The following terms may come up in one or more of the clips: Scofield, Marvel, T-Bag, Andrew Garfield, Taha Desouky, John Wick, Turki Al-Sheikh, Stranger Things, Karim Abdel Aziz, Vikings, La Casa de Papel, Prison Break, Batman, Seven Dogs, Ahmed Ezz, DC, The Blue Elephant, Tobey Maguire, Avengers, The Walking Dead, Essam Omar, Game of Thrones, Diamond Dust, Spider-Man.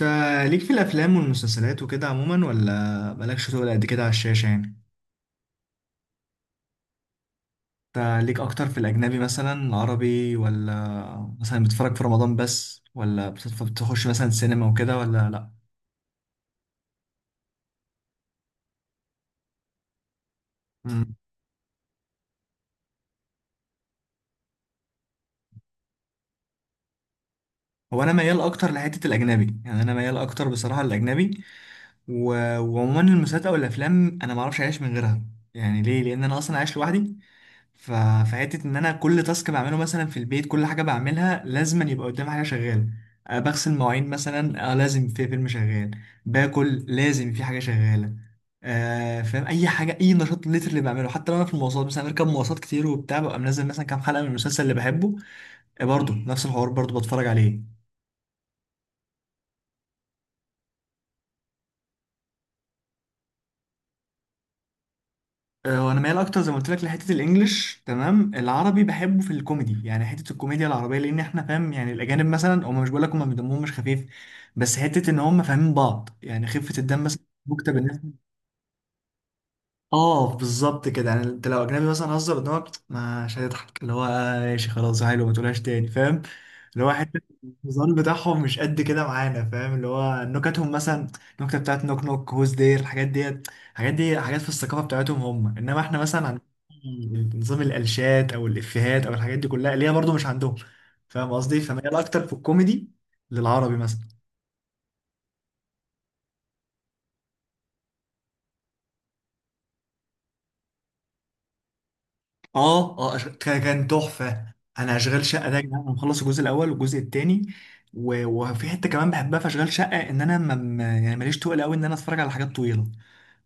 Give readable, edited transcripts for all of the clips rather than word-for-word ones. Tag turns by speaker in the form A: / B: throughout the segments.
A: انت ليك في الافلام والمسلسلات وكده عموما ولا مالكش تقول قد كده على الشاشه يعني. انت ليك اكتر في الاجنبي مثلا العربي، ولا مثلا بتتفرج في رمضان بس، ولا بتخش مثلا سينما وكده ولا لا؟ مم. هو انا ميال اكتر لحته الاجنبي، يعني انا ميال اكتر بصراحه للاجنبي و... وعموما المسلسلات او الافلام انا ما اعرفش اعيش من غيرها. يعني ليه؟ لان انا اصلا عايش لوحدي، ف- فحته ان انا كل تاسك بعمله مثلا في البيت، كل حاجه بعملها لازم يبقى قدامي حاجه شغاله. بغسل مواعين مثلا، لازم في فيلم شغال. باكل، لازم في حاجه شغاله. فاهم؟ اي حاجه، اي نشاط لتر اللي بعمله. حتى لو انا في المواصلات مثلا، بركب مواصلات كتير وبتاع، ببقى منزل مثلا كام حلقه من المسلسل اللي بحبه. برضه نفس الحوار برضه بتفرج عليه. وانا مايل اكتر زي ما قلت لك لحته الانجليش، تمام؟ العربي بحبه في الكوميدي، يعني حته الكوميديا العربيه، لان احنا فاهم؟ يعني الاجانب مثلا هم، مش بقول لك هم دمهم مش خفيف، بس حته ان هم فاهمين بعض، يعني خفه الدم مثلا مكتب الناس. اه بالظبط كده. يعني انت لو اجنبي مثلا هزر قدامك مش هتضحك، اللي هو آه ماشي خلاص حلو ما تقولهاش تاني، فاهم؟ اللي هو حته الهزار بتاعهم مش قد كده معانا، فاهم؟ اللي هو نكتهم مثلا، النكته بتاعت نوك نوك هوز دير، الحاجات ديت، الحاجات دي حاجات في الثقافه بتاعتهم هم. انما احنا مثلا عندنا نظام الالشات او الافيهات او الحاجات دي كلها اللي هي برضو مش عندهم، فاهم قصدي؟ فميال اكتر في الكوميدي للعربي مثلا. اه كان تحفه. انا اشغال شقه ده يا جدعان انا مخلص الجزء الاول والجزء الثاني. وفي حته كمان بحبها في اشغال شقه، ان انا يعني ماليش تقل قوي ان انا اتفرج على حاجات طويله.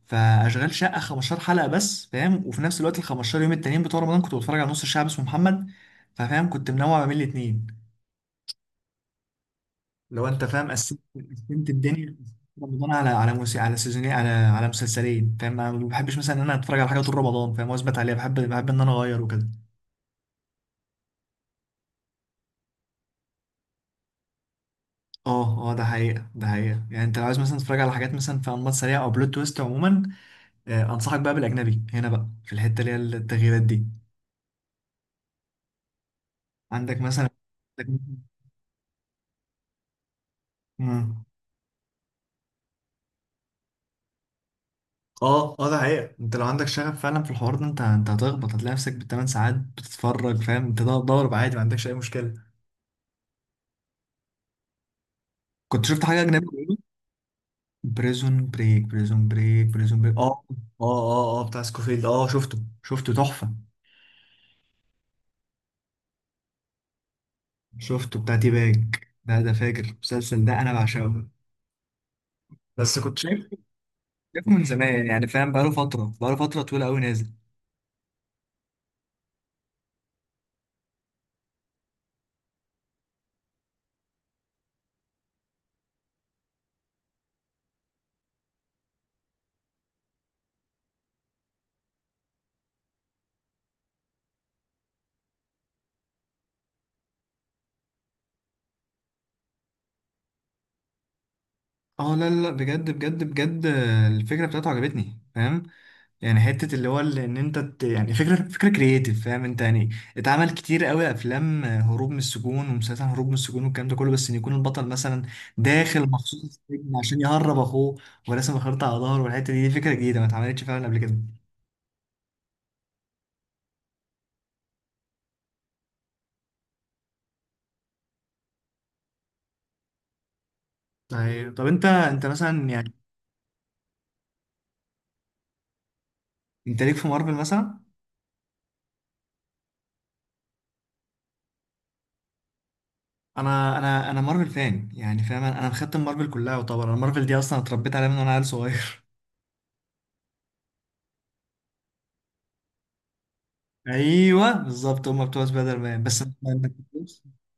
A: فاشغال شقه 15 حلقه بس، فاهم؟ وفي نفس الوقت ال 15 يوم التانيين بتوع رمضان كنت بتفرج على نص الشعب اسمه محمد. ففاهم؟ كنت منوع ما بين الاثنين، لو انت فاهم. قسمت، قسمت الدنيا. رمضان على موسي، على سيزونين، على مسلسلين، فاهم؟ انا ما بحبش مثلا ان انا اتفرج على حاجه طول رمضان فاهم واثبت عليها، بحب ان انا اغير وكده. اه ده حقيقة، ده حقيقة. يعني انت لو عايز مثلا تتفرج على حاجات مثلا في انماط سريعة او بلوت تويست عموما، انصحك بقى بالاجنبي هنا بقى في الحتة اللي هي التغييرات دي، عندك مثلا. مم. اه ده حقيقة. انت لو عندك شغف فعلا في الحوار ده انت هتخبط، هتلاقي نفسك بالثمان ساعات بتتفرج، فاهم؟ انت ده ضارب عادي، ما عندكش اي مشكلة. كنت شفت حاجة اجنبي قريب؟ بريزون بريك، بريزون بريك، بريزون بريك، اه اه. اه بتاع سكوفيلد، اه شفته، شفته تحفة. شفته بتاع تي باج، ده فاجر المسلسل ده، انا بعشقه. بس كنت شايف، شايفه من زمان يعني، فاهم؟ بقاله فترة، بقاله فترة طويلة أوي نازل. اه لا، بجد الفكرة بتاعته عجبتني، فاهم؟ يعني حتة اللي هو اللي ان يعني فكرة كرييتيف، فاهم انت؟ يعني اتعمل كتير قوي افلام هروب من السجون ومسلسل هروب من السجون والكلام ده كله، بس ان يكون البطل مثلا داخل مخصوص السجن عشان يهرب اخوه وراسم خريطة على ظهره، والحتة دي دي فكرة جديدة ما اتعملتش فعلا قبل كده. طيب، طب انت مثلا يعني انت ليك في مارفل مثلا؟ انا مارفل فان، يعني فاهم؟ انا أنا مختم مارفل كلها، وطبعا انا مارفل دي اصلا اتربيت عليها من وانا عيل صغير. ايوه بالظبط، هم بتوع سبايدر مان بس.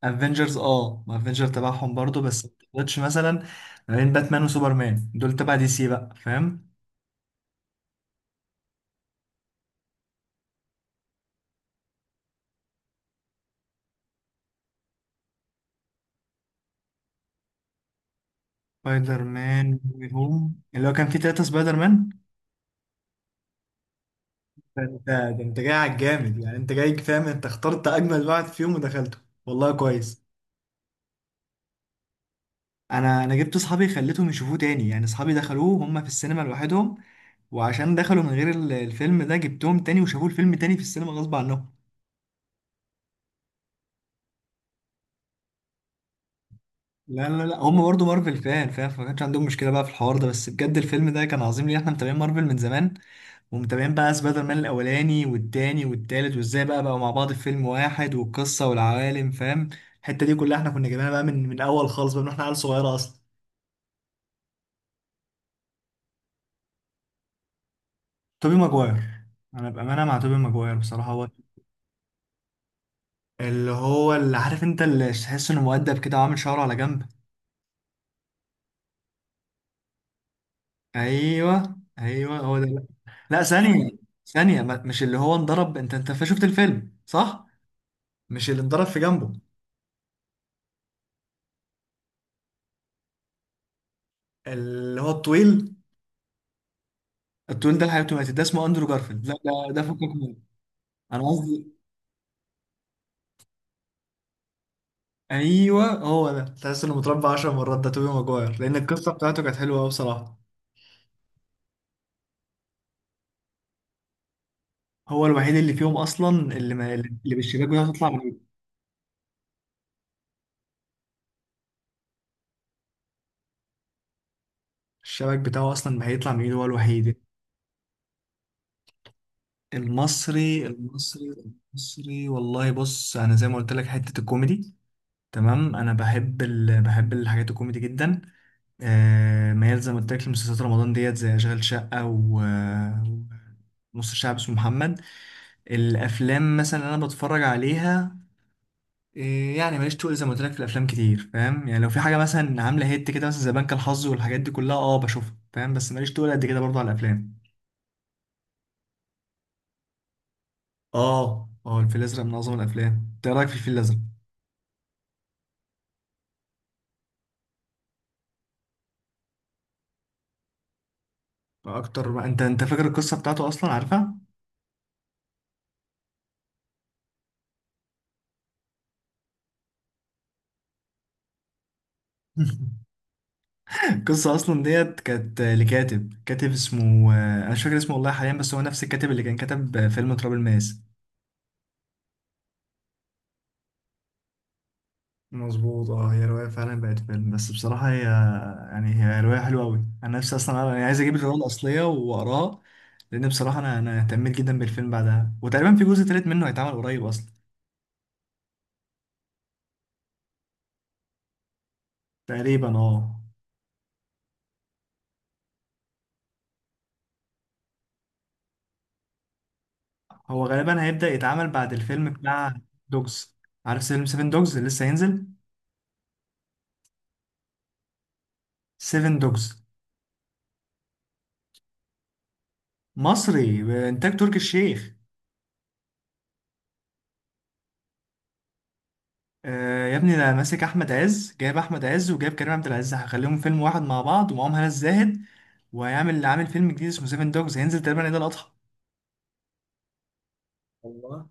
A: افنجرز، اه، ما افنجر تبعهم برضو، بس ما تقدرش مثلا ما بين باتمان وسوبرمان، دول تبع دي سي بقى، فاهم؟ سبايدر مان هوم، اللي هو كان فيه تلاتة سبايدر مان. ده انت، ده انت جاي على الجامد يعني، انت جاي فاهم؟ انت اخترت اجمل واحد فيهم ودخلته. والله كويس. انا جبت اصحابي خليتهم يشوفوه تاني، يعني اصحابي دخلوه هم في السينما لوحدهم وعشان دخلوا من غير الفيلم ده، جبتهم تاني وشافوه الفيلم تاني في السينما غصب عنهم. لا هم برضو مارفل فان، فاهم؟ فما كانش عندهم مشكله بقى في الحوار ده، بس بجد الفيلم ده كان عظيم ليه. احنا متابعين مارفل من زمان، ومتابعين بقى سبايدر مان الاولاني والتاني والتالت، وازاي بقى بقوا مع بعض في فيلم واحد، والقصه والعوالم، فاهم؟ الحته دي كلها احنا كنا جايبينها بقى من الاول خالص بقى، من احنا عيال صغيره اصلا. توبي ماجواير. انا بامانه مع توبي ماجواير بصراحه، هو اللي هو اللي عارف انت، اللي تحس انه مؤدب كده وعامل شعره على جنب. ايوه ايوه، هو ده. لا، لا، ثانيه، ثانيه مش اللي هو انضرب؟ انت شفت الفيلم صح؟ مش اللي انضرب في جنبه، اللي هو الطويل؟ الطويل ده الحقيقة ماتت، ده اسمه اندرو جارفيلد، لا ده، ده فكك منه. انا قصدي، ايوه هو ده، تحس انه متربع 10 مرات، ده توبي ماجواير، لان القصه بتاعته كانت حلوه قوي بصراحه. هو الوحيد اللي فيهم اصلا، اللي ما اللي بالشباك بتاعه تطلع من ايده، الشباك بتاعه اصلا ما هيطلع من ايده، هو الوحيد. المصري المصري، والله بص انا زي ما قلت لك، حته الكوميدي، تمام؟ انا بحب بحب الحاجات الكوميدي جدا. آه ميال زي ما قلت لك لمسلسلات رمضان ديت، زي اشغال شقه، و نص الشعب اسمه محمد. الافلام مثلا اللي انا بتفرج عليها، آه، يعني ماليش تقول زي ما قلت لك في الافلام كتير، فاهم؟ يعني لو في حاجه مثلا عامله هيت كده مثلا، زي بنك الحظ والحاجات دي كلها، اه بشوفها، فاهم؟ بس ماليش تقول قد كده برضه على الافلام. اه الفيل الازرق من اعظم الافلام. انت إيه رايك في الفيل الازرق؟ اكتر ما انت فاكر القصه بتاعته اصلا؟ عارفها. القصه اصلا ديت كانت لكاتب، كاتب اسمه انا مش فاكر اسمه والله حاليا، بس هو نفس الكاتب اللي كان كتب فيلم تراب الماس. مظبوط، اه هي رواية فعلا بقت فيلم، بس بصراحة هي يعني هي رواية حلوة أوي. أنا نفسي أصلا أنا عايز أجيب الرواية الأصلية وأقراها، لأن بصراحة أنا اهتميت جدا بالفيلم بعدها، وتقريبا في جزء تالت منه هيتعمل قريب أصلا. تقريبا اه. هو غالبا هيبدأ يتعمل بعد الفيلم بتاع دوجز. عارف فيلم سيفن دوجز اللي لسه هينزل؟ سيفن دوجز. مصري بإنتاج تركي الشيخ. آه يا ابني ده ماسك أحمد عز، جايب أحمد عز وجايب كريم عبد العزيز، هخليهم فيلم واحد مع بعض ومعاهم هنا الزاهد، وهيعمل عامل فيلم جديد اسمه سيفن دوجز، هينزل تقريبا عيد الأضحى. الله.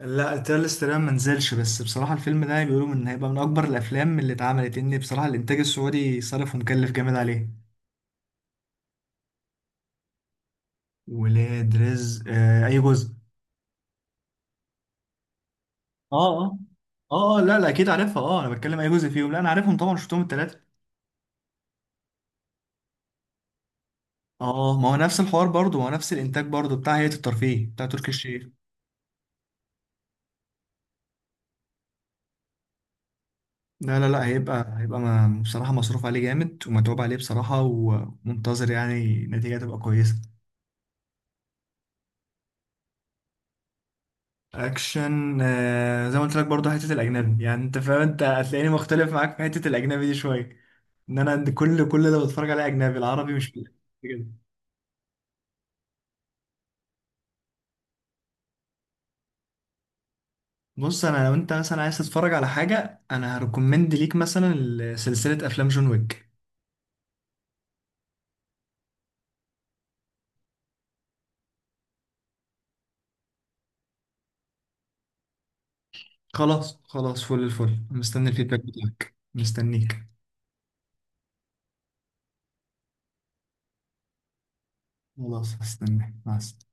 A: لا التريلر تقريبا ما نزلش، بس بصراحة الفيلم ده بيقولوا إن هيبقى من أكبر الأفلام اللي اتعملت، إن بصراحة الإنتاج السعودي صرف ومكلف جامد عليه. ولاد رزق، آه، أي جزء؟ اه اه اه، لا لا أكيد عارفها، اه أنا بتكلم أي جزء فيهم، لا أنا عارفهم طبعا، شفتهم التلاتة. اه ما هو نفس الحوار برضه، ما هو نفس الانتاج برضه، بتاع هيئة الترفيه، بتاع تركي الشيخ. لا هيبقى ما بصراحة مصروف عليه جامد ومتعوب عليه بصراحة، ومنتظر يعني نتيجة تبقى كويسة. اكشن، آه زي ما قلت لك برضه حتة الاجنبي، يعني انت فاهم انت هتلاقيني مختلف معاك في حتة الاجنبي دي شوية، ان انا عند كل اللي بتفرج عليه اجنبي، العربي مش كده. بص انا لو انت مثلا عايز تتفرج على حاجة، انا هريكومند ليك مثلا سلسلة افلام جون ويك. خلاص فل الفل، مستني الفيدباك بتاعك، مستنيك. خلاص، هستنى، مع السلامة.